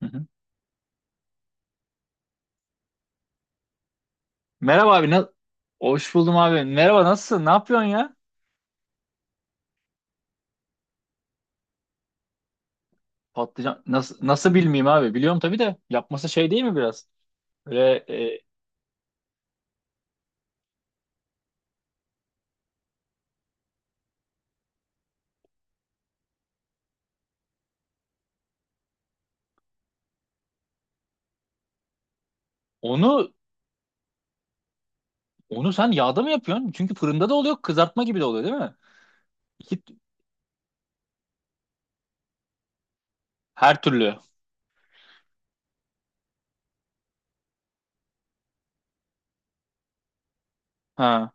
Hı hı. Merhaba abi. Hoş buldum abi. Merhaba nasılsın? Ne yapıyorsun ya? Patlıcan nasıl nasıl bilmeyeyim abi? Biliyorum tabii de yapması şey değil mi biraz? Böyle e, onu onu sen yağda mı yapıyorsun? Çünkü fırında da oluyor, kızartma gibi de oluyor değil mi? İki, her türlü. Ha,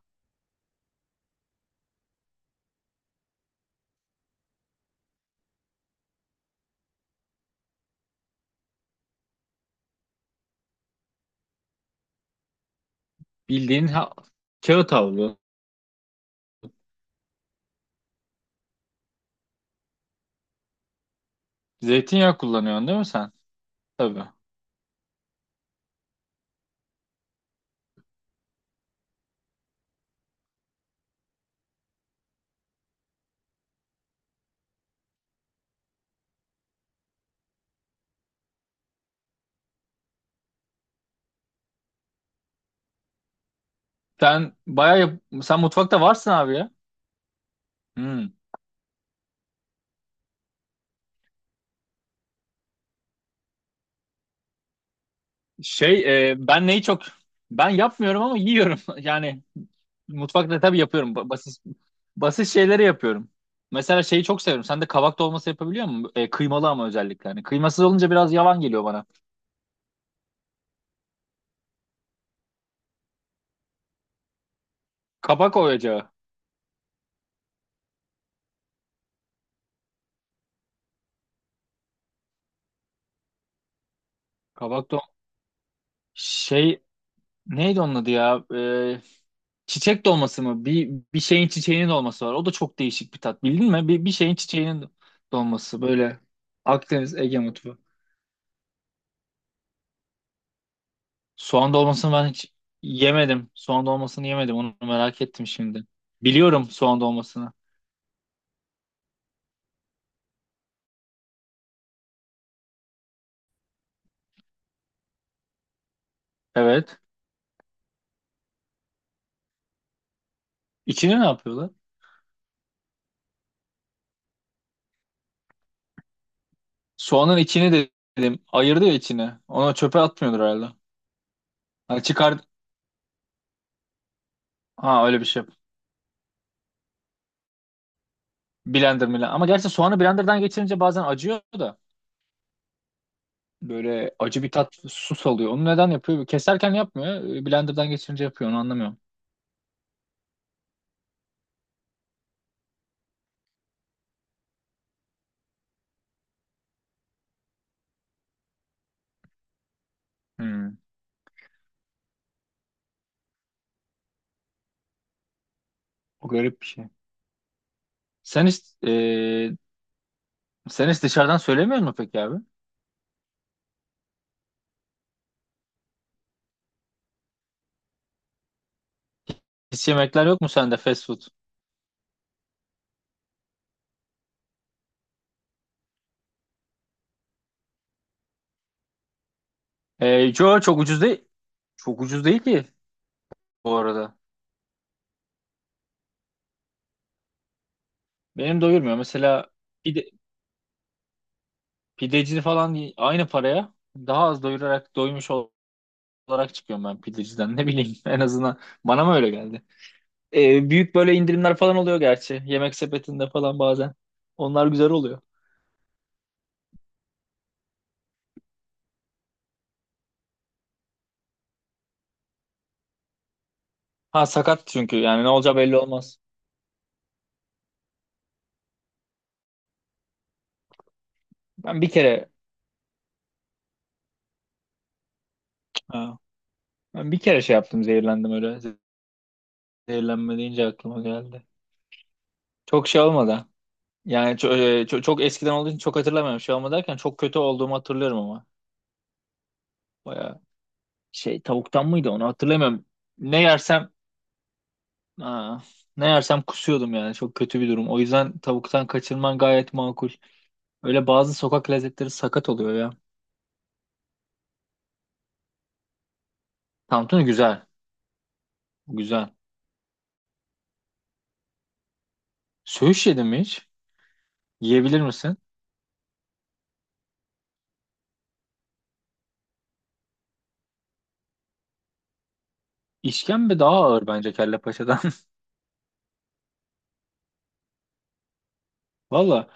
bildiğin ha, kağıt havlu. Zeytinyağı kullanıyorsun değil mi sen? Tabii. Sen mutfakta varsın abi ya. Hmm. Ben neyi çok ben yapmıyorum ama yiyorum. Yani mutfakta tabii yapıyorum. Basit basit şeyleri yapıyorum. Mesela şeyi çok severim. Sen de kabak dolması yapabiliyor musun? Kıymalı ama özellikle. Hani kıymasız olunca biraz yavan geliyor bana. Kabak oyacağı. Kabak dol şey Neydi onun adı ya? Çiçek dolması mı? Bir şeyin çiçeğinin dolması var. O da çok değişik bir tat. Bildin mi? Bir şeyin çiçeğinin dolması böyle Akdeniz Ege mutfağı. Soğan dolmasını ben hiç yemedim. Soğan dolmasını yemedim. Onu merak ettim şimdi. Biliyorum soğan dolmasını. Evet. İçini ne yapıyorlar? Soğanın içini de dedim. Ayırdı ya içini. Onu çöpe atmıyordur herhalde. Hani çıkar. Ha, öyle bir şey. Blender mi? Ama gerçi soğanı blenderdan geçirince bazen acıyor da. Böyle acı bir tat su salıyor. Onu neden yapıyor? Keserken yapmıyor. Blenderdan geçirince yapıyor. Onu anlamıyorum. Hmm. O garip bir şey. Sen hiç, e, sen hiç dışarıdan söylemiyor musun peki abi? Hiç yemekler yok mu sende fast food? Ee, Yo, çok ucuz değil. Çok ucuz değil ki bu arada. Benim doyurmuyor. Mesela pide, pideci falan aynı paraya daha az doyurarak doymuş olarak çıkıyorum ben pideciden. Ne bileyim, en azından bana mı öyle geldi? Büyük böyle indirimler falan oluyor gerçi. Yemek sepetinde falan bazen. Onlar güzel oluyor. Ha, sakat çünkü yani ne olacağı belli olmaz. Ben bir kere ha, ben bir kere şey yaptım, zehirlendim öyle. Zehirlenme deyince aklıma geldi. Çok şey olmadı. Yani çok, çok, çok eskiden olduğu için çok hatırlamıyorum. Şey olma derken çok kötü olduğumu hatırlıyorum ama. Baya şey tavuktan mıydı onu hatırlamıyorum. Ne yersem aa, ne yersem kusuyordum yani. Çok kötü bir durum. O yüzden tavuktan kaçınman gayet makul. Öyle bazı sokak lezzetleri sakat oluyor ya. Tantuni güzel. Güzel. Söğüş yedin mi hiç? Yiyebilir misin? İşkembe daha ağır bence kelle paçadan. Valla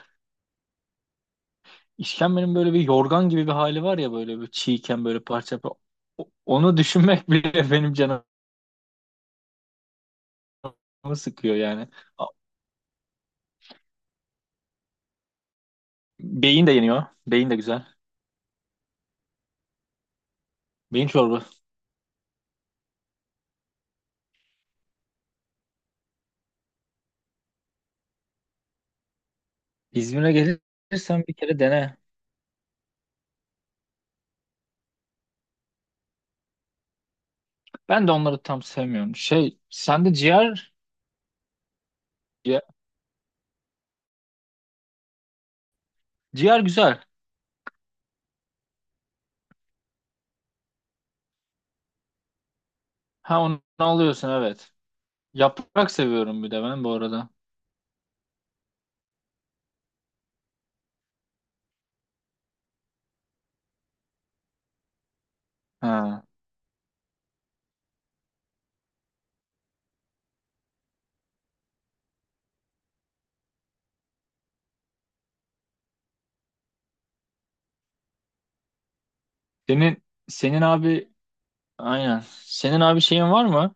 işkembenin böyle bir yorgan gibi bir hali var ya, böyle bir çiğken böyle parça, parça. Onu düşünmek bile benim canımı sıkıyor yani. A- Beyin de yeniyor. Beyin de güzel. Beyin çorba. İzmir'e gelirsen bir kere dene. Ben de onları tam sevmiyorum. Şey, sende ciğer, ciğer, güzel. Ha, onu alıyorsun evet. Yaprak seviyorum bir de ben bu arada. Ha. Senin senin abi aynen. Senin abi şeyin var mı?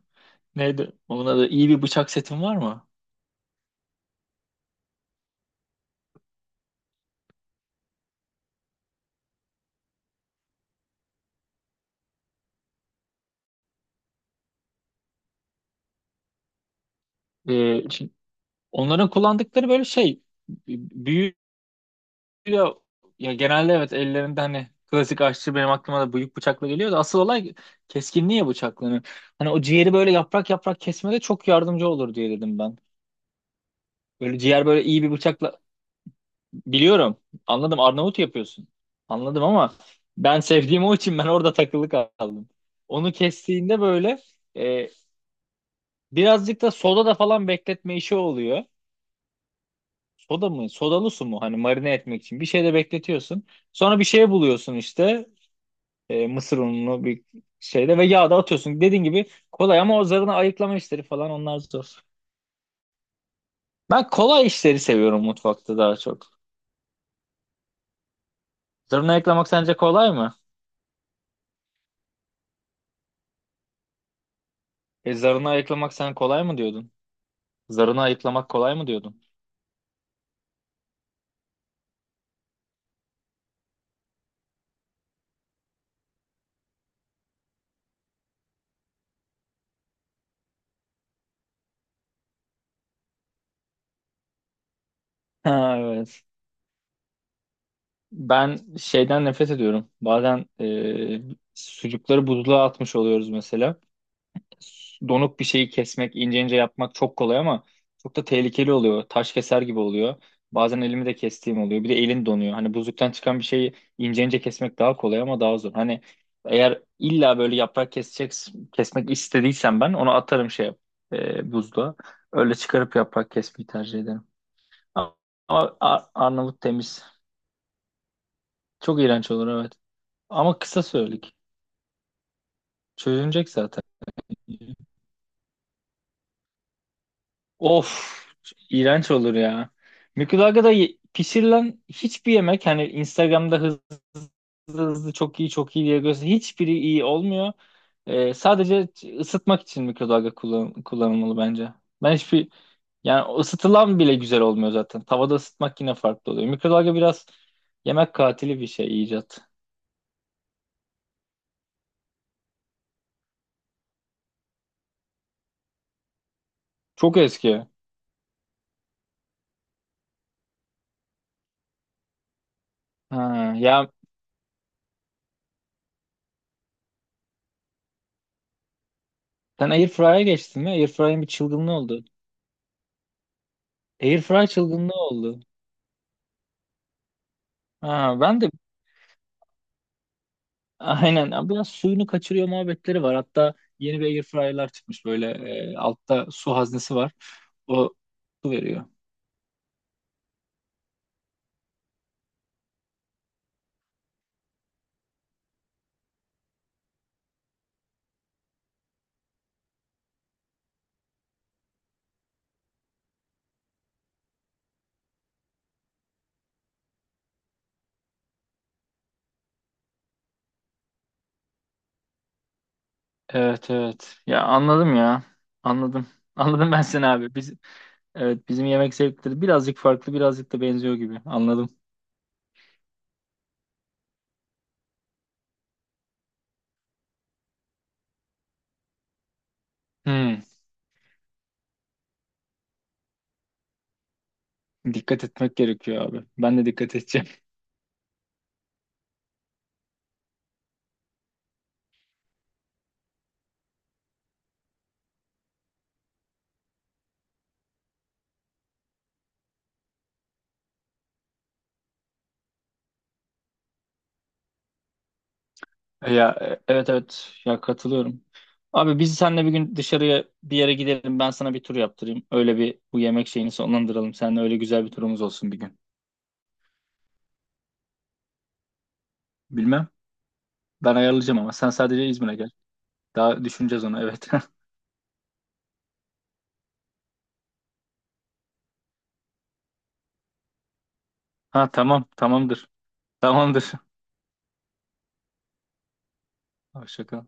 Neydi? Ona da iyi bir bıçak setin var mı? Şimdi onların kullandıkları böyle şey büyük. Ya, ya, genelde evet ellerinde hani klasik aşçı benim aklıma da büyük bıçakla geliyor da asıl olay keskinliği ya bıçakların. Hani o ciğeri böyle yaprak yaprak kesmede çok yardımcı olur diye dedim ben. Böyle ciğer böyle iyi bir bıçakla biliyorum. Anladım, Arnavut yapıyorsun. Anladım ama ben sevdiğim o için ben orada takılı kaldım. Onu kestiğinde böyle e, birazcık da soda da falan bekletme işi oluyor. Soda mı? Sodalı su mu? Hani marine etmek için. Bir şeyde bekletiyorsun. Sonra bir şey buluyorsun işte. Mısır ununu bir şeyde ve yağda atıyorsun. Dediğin gibi kolay ama o zarına ayıklama işleri falan onlar zor. Ben kolay işleri seviyorum mutfakta daha çok. Zarını ayıklamak sence kolay mı? Zarını ayıklamak sen kolay mı diyordun? Zarını ayıklamak kolay mı diyordun? Ha, evet. Ben şeyden nefret ediyorum. Bazen sucukları buzluğa atmış oluyoruz mesela. Donuk bir şeyi kesmek, ince ince yapmak çok kolay ama çok da tehlikeli oluyor. Taş keser gibi oluyor. Bazen elimi de kestiğim oluyor. Bir de elin donuyor. Hani buzluktan çıkan bir şeyi ince ince kesmek daha kolay ama daha zor. Hani eğer illa böyle yaprak kesecek, kesmek istediysem ben onu atarım buzluğa. Öyle çıkarıp yaprak kesmeyi tercih ederim. Ama ama Arnavut temiz. Çok iğrenç olur, evet. Ama kısa söyledik. Çözülecek zaten. Of, iğrenç olur ya. Mikrodalgada pişirilen hiçbir yemek, hani Instagram'da hızlı hızlı, hızlı çok iyi çok iyi diye göster, hiçbiri iyi olmuyor. Sadece ısıtmak için mikrodalga kullanılmalı bence. Ben hiçbir, yani ısıtılan bile güzel olmuyor zaten. Tavada ısıtmak yine farklı oluyor. Mikrodalga biraz yemek katili bir şey icat. Çok eski. Ha, ya sen Airfryer'a geçtin mi? Airfryer'in bir çılgınlığı oldu. Airfryer çılgınlığı oldu. Ha, ben de. Aynen. Ya, biraz suyunu kaçırıyor muhabbetleri var. Hatta yeni bir air fryer'lar çıkmış böyle altta su haznesi var. O su veriyor. Evet, evet. Ya, anladım ya. Anladım. Anladım ben seni abi. Biz, evet bizim yemek zevkleri birazcık farklı, birazcık da benziyor gibi. Anladım. Hmm. Dikkat etmek gerekiyor abi. Ben de dikkat edeceğim. Ya, evet, evet. Ya, katılıyorum. Abi biz seninle bir gün dışarıya bir yere gidelim. Ben sana bir tur yaptırayım. Öyle bir bu yemek şeyini sonlandıralım. Seninle öyle güzel bir turumuz olsun bir gün. Bilmem. Ben ayarlayacağım ama sen sadece İzmir'e gel. Daha düşüneceğiz onu, evet. Ha, tamam tamamdır. Tamamdır. Hoşça kal.